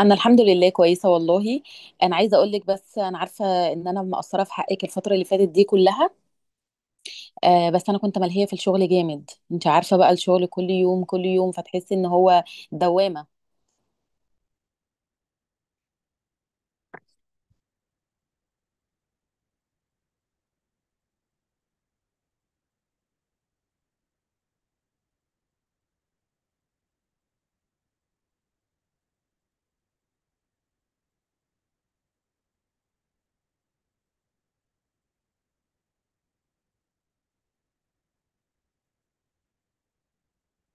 انا الحمد لله كويسه، والله. انا عايزه اقول لك بس انا عارفه ان انا مقصره في حقك الفتره اللي فاتت دي كلها. بس انا كنت ملهيه في الشغل جامد. انت عارفه بقى، الشغل كل يوم كل يوم، فتحسي ان هو دوامه.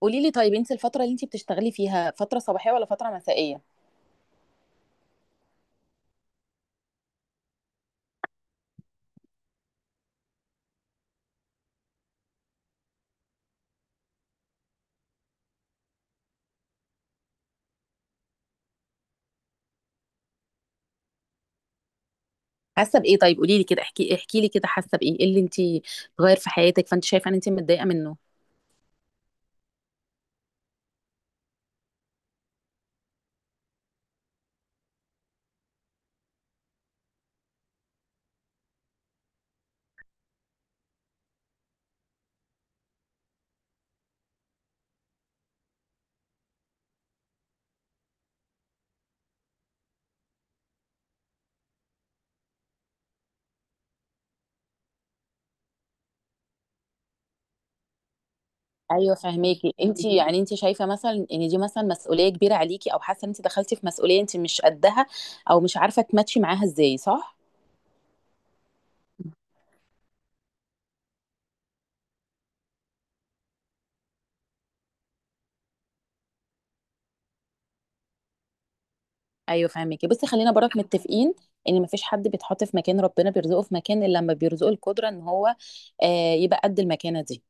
قولي لي طيب، انت الفتره اللي انت بتشتغلي فيها فتره صباحيه ولا فتره مسائيه؟ حاسه بايه؟ طيب قولي لي كده، احكي لي كده، حاسه بايه، ايه اللي انت غير في حياتك، فانت شايفه ان انت متضايقه منه؟ ايوه، فهماكي. انت شايفه مثلا ان دي مثلا مسؤوليه كبيره عليكي، او حاسه ان انت دخلتي في مسؤوليه انت مش قدها، او مش عارفه تماتشي معاها ازاي، صح؟ ايوه، فهماكي. بصي، خلينا برك متفقين ان مفيش حد بيتحط في مكان، ربنا بيرزقه في مكان الا لما بيرزقه القدره ان هو يبقى قد المكانه دي.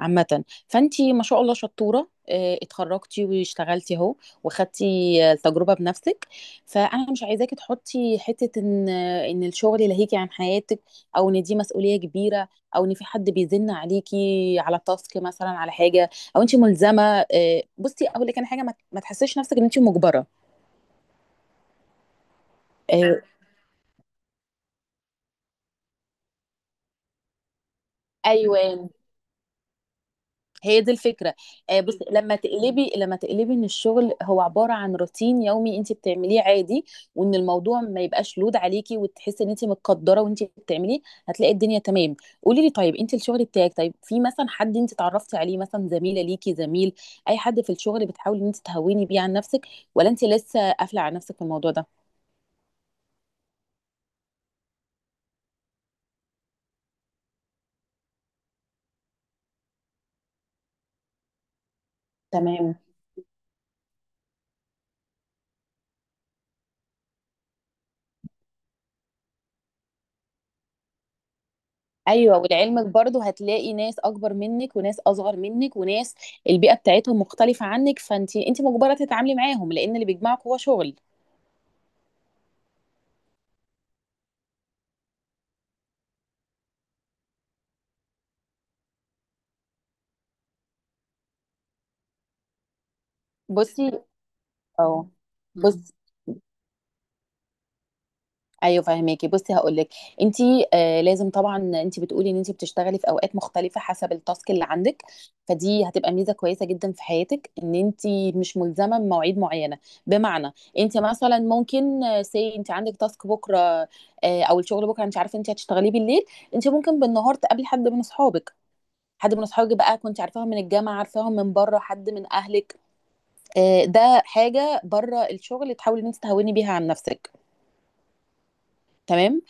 عامة، فانتي ما شاء الله شطورة، اتخرجتي واشتغلتي اهو، وخدتي التجربة بنفسك. فانا مش عايزاكي تحطي حتة ان الشغل يلهيكي عن حياتك، او ان دي مسؤولية كبيرة، او ان في حد بيزن عليكي على تاسك مثلا، على حاجة، او انتي ملزمة. بصي اقول لك انا حاجة، ما تحسيش نفسك ان انتي مجبرة. آه، ايوه، هي دي الفكره. بس لما تقلبي ان الشغل هو عباره عن روتين يومي انت بتعمليه عادي، وان الموضوع ما يبقاش لود عليكي، وتحسي ان انت متقدره وانت بتعمليه، هتلاقي الدنيا تمام. قولي لي طيب، انت الشغل بتاعك، طيب في مثلا حد انت اتعرفتي عليه مثلا، زميله ليكي زميل، اي حد في الشغل بتحاولي ان انت تهوني بيه عن نفسك، ولا انت لسه قافله على نفسك في الموضوع ده؟ تمام. ايوه، ولعلمك برضو هتلاقي ناس اكبر منك وناس اصغر منك، وناس البيئه بتاعتهم مختلفه عنك. فانت مجبره تتعاملي معاهم، لان اللي بيجمعك هو شغل. بصي. اه بص. ايوه، فاهماكي. بصي هقول لك، انت لازم طبعا. انت بتقولي ان انت بتشتغلي في اوقات مختلفه حسب التاسك اللي عندك، فدي هتبقى ميزه كويسه جدا في حياتك ان انت مش ملزمه بمواعيد معينه. بمعنى، انت مثلا ممكن سي، انت عندك تاسك بكره، او الشغل بكره انت عارفه انت هتشتغليه بالليل، انت ممكن بالنهار تقابلي حد من اصحابك. حد من اصحابك بقى، كنت عارفاهم من الجامعه، عارفاهم من بره، حد من اهلك. ده حاجه بره الشغل تحاولي ان انت تهوني بيها عن نفسك. تمام.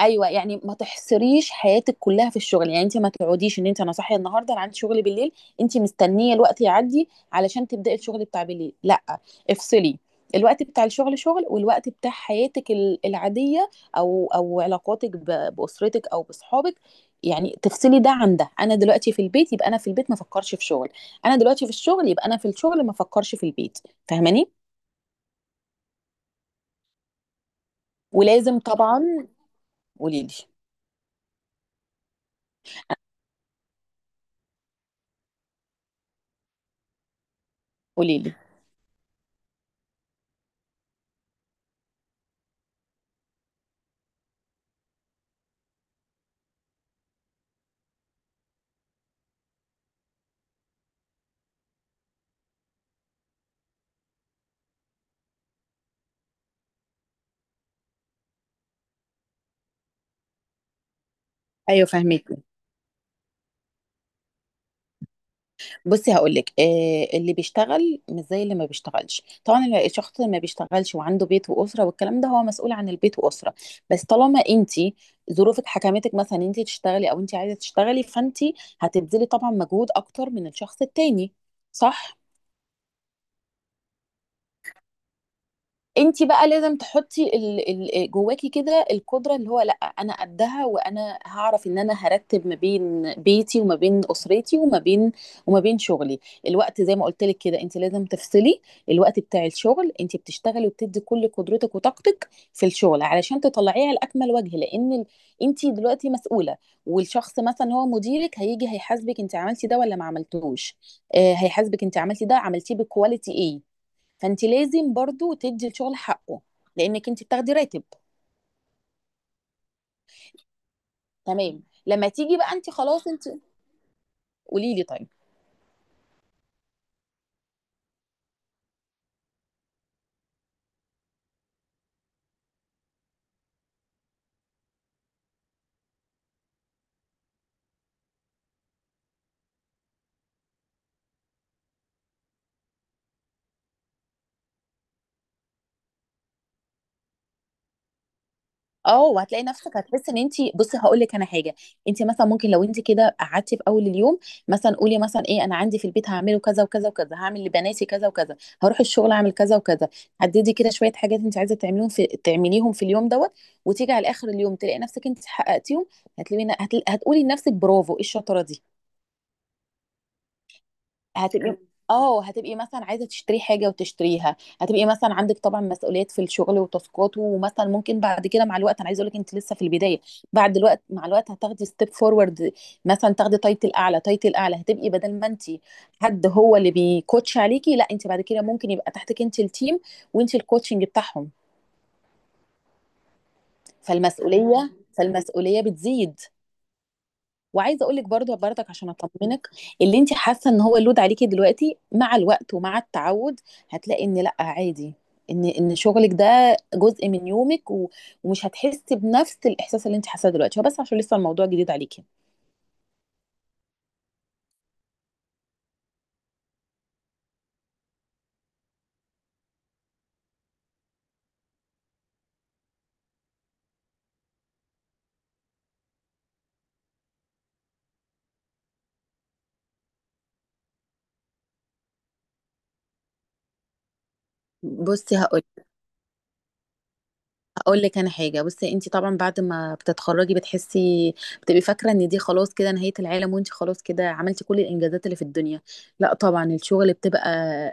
ايوه يعني، ما تحصريش حياتك كلها في الشغل. يعني انت ما تقعديش ان انت انا صاحيه النهارده انا عندي شغل بالليل، انت مستنيه الوقت يعدي علشان تبداي الشغل بتاع بالليل، لا. افصلي. الوقت بتاع الشغل شغل، والوقت بتاع حياتك العاديه، او علاقاتك باسرتك او بصحابك. يعني تفصلي ده عن ده. انا دلوقتي في البيت، يبقى انا في البيت ما افكرش في شغل. انا دلوقتي في الشغل، يبقى انا في الشغل ما افكرش في البيت. فاهماني؟ ولازم طبعا. قولي لي قولي لي. ايوه، فاهمك. بصي هقول لك، اللي بيشتغل مش زي اللي ما بيشتغلش طبعا. الشخص اللي ما بيشتغلش وعنده بيت واسره والكلام ده، هو مسؤول عن البيت واسره. بس طالما انت ظروفك حكمتك مثلا انت تشتغلي، او انت عايزه تشتغلي، فانت هتبذلي طبعا مجهود اكتر من الشخص التاني، صح؟ انت بقى لازم تحطي جواكي كده القدره. اللي هو لا، انا قدها، وانا هعرف ان انا هرتب ما بين بيتي، وما بين اسرتي، وما بين شغلي. الوقت زي ما قلت لك كده، انت لازم تفصلي. الوقت بتاع الشغل انت بتشتغلي وبتدي كل قدرتك وطاقتك في الشغل علشان تطلعيه على اكمل وجه، لان انت دلوقتي مسؤوله. والشخص مثلا هو مديرك هيجي هيحاسبك، انت عملتي ده ولا ما عملتوش. هيحاسبك انت عملتي ده، عملتيه بكواليتي ايه. فانت لازم برضو تدي الشغل حقه، لانك انت بتاخدي راتب. تمام. لما تيجي بقى انت خلاص انت. قولي لي طيب. اه وهتلاقي نفسك هتحس ان انت، بصي هقول لك انا حاجه. انت مثلا ممكن لو انت كده قعدتي في اول اليوم، مثلا قولي مثلا ايه انا عندي في البيت هعمله كذا وكذا وكذا، هعمل لبناتي كذا وكذا، هروح الشغل اعمل كذا وكذا. حددي كده شويه حاجات انت عايزه تعمليهم، في اليوم دوت. وتيجي على اخر اليوم تلاقي نفسك انت حققتيهم. هتقولي لنفسك برافو، ايه الشطاره دي. هتبقي اه هتبقي مثلا عايزه تشتري حاجه وتشتريها. هتبقي مثلا عندك طبعا مسؤوليات في الشغل وتاسكات، ومثلا ممكن بعد كده مع الوقت، انا عايزه اقول لك انت لسه في البدايه. بعد الوقت مع الوقت هتاخدي ستيب فورورد، مثلا تاخدي تايتل اعلى، تايتل اعلى، هتبقي بدل ما انت حد هو اللي بيكوتش عليكي، لا انت بعد كده ممكن يبقى تحتك انت التيم، وانت الكوتشنج بتاعهم. فالمسؤوليه بتزيد. وعايزه اقول لك برضك عشان اطمنك، اللي انت حاسه ان هو لود عليكي دلوقتي، مع الوقت ومع التعود هتلاقي ان لا عادي، ان شغلك ده جزء من يومك، و- ومش هتحسي بنفس الاحساس اللي انت حاساه دلوقتي، هو بس عشان لسه الموضوع جديد عليكي. بصي هقول لك انا حاجه، بصي انت طبعا بعد ما بتتخرجي بتبقي فاكره ان دي خلاص كده نهايه العالم، وانت خلاص كده عملتي كل الانجازات اللي في الدنيا. لا طبعا. الشغل بتبقى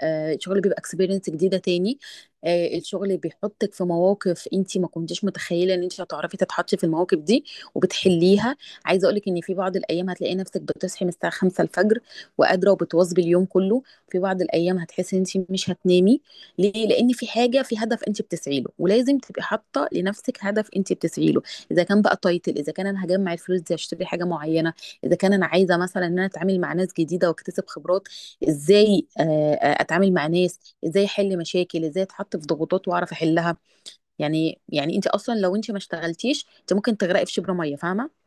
آه، الشغل بيبقى اكسبيرينس جديده تاني. الشغل بيحطك في مواقف انت ما كنتيش متخيله ان انت هتعرفي تتحطي في المواقف دي وبتحليها. عايزه اقول لك ان في بعض الايام هتلاقي نفسك بتصحي من الساعه 5 الفجر، وقادره وبتواظبي اليوم كله. في بعض الايام هتحسي ان انت مش هتنامي. ليه؟ لان في حاجه، في هدف انت بتسعي له، ولازم تبقي حاطه لنفسك هدف انت بتسعي له. اذا كان بقى تايتل، اذا كان انا هجمع الفلوس دي اشتري حاجه معينه، اذا كان انا عايزه مثلا ان انا اتعامل مع ناس جديده واكتسب خبرات ازاي، اتعامل مع ناس ازاي، احل مشاكل ازاي، اتحط في ضغوطات واعرف احلها. يعني انت اصلا لو انت ما اشتغلتيش انت ممكن تغرقي في شبر ميه، فاهمه؟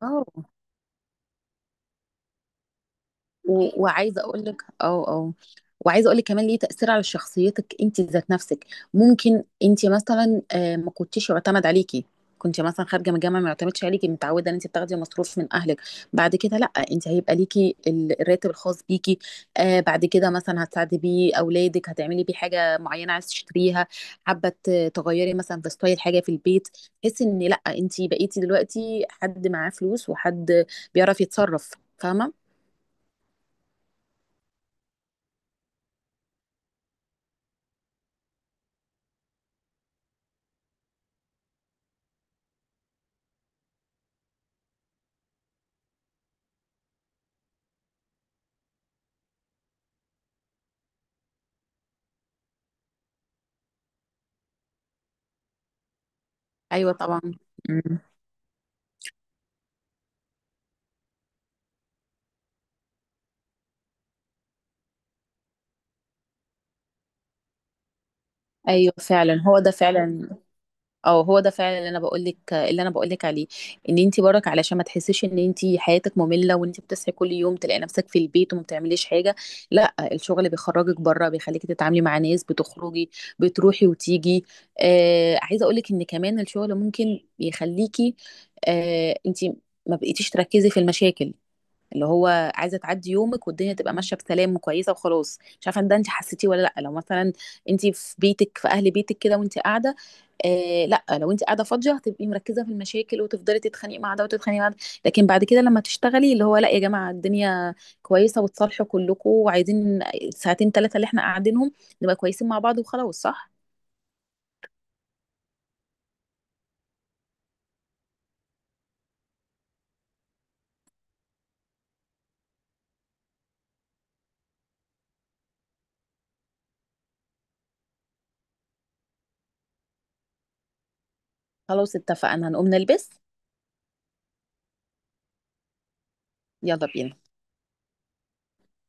اه و- وعايزه اقول لك وعايزه اقول لك كمان ليه تاثير على شخصيتك انت ذات نفسك. ممكن انت مثلا ما كنتيش يعتمد عليكي. كنت مثلا خارجه من الجامعه ما يعتمدش عليكي، متعوده ان انت بتاخدي مصروف من اهلك، بعد كده لا. انت هيبقى ليكي الراتب الخاص بيكي. بعد كده مثلا هتساعدي بيه اولادك، هتعملي بيه حاجه معينه عايز تشتريها، حابه تغيري مثلا في ستايل حاجه في البيت. تحسي ان لا، انت بقيتي دلوقتي حد معاه فلوس، وحد بيعرف يتصرف. فاهمه؟ ايوه طبعا. مم. ايوه فعلا. هو ده فعلا اللي انا بقول لك عليه. ان انت برك علشان ما تحسيش ان انت حياتك ممله، وان انت بتصحي كل يوم تلاقي نفسك في البيت وما بتعمليش حاجه. لا، الشغل بيخرجك بره، بيخليكي تتعاملي مع ناس، بتخرجي، بتروحي وتيجي. عايزه اقول لك ان كمان الشغل ممكن يخليكي انت ما بقيتيش تركزي في المشاكل. اللي هو عايزه تعدي يومك والدنيا تبقى ماشيه بسلام وكويسه وخلاص. مش عارفه ان ده انت حسيتيه ولا لا. لو مثلا انت في بيتك في اهل بيتك كده وانت قاعده، لا، لو انت قاعده فاضيه هتبقي مركزه في المشاكل، وتفضلي تتخانقي مع ده وتتخانقي مع ده. لكن بعد كده لما تشتغلي، اللي هو لا يا جماعه الدنيا كويسه وتصالحوا كلكم، وعايزين ساعتين ثلاثه اللي احنا قاعدينهم نبقى كويسين مع بعض وخلاص، صح؟ خلاص، اتفقنا. هنقوم نلبس. يلا بينا.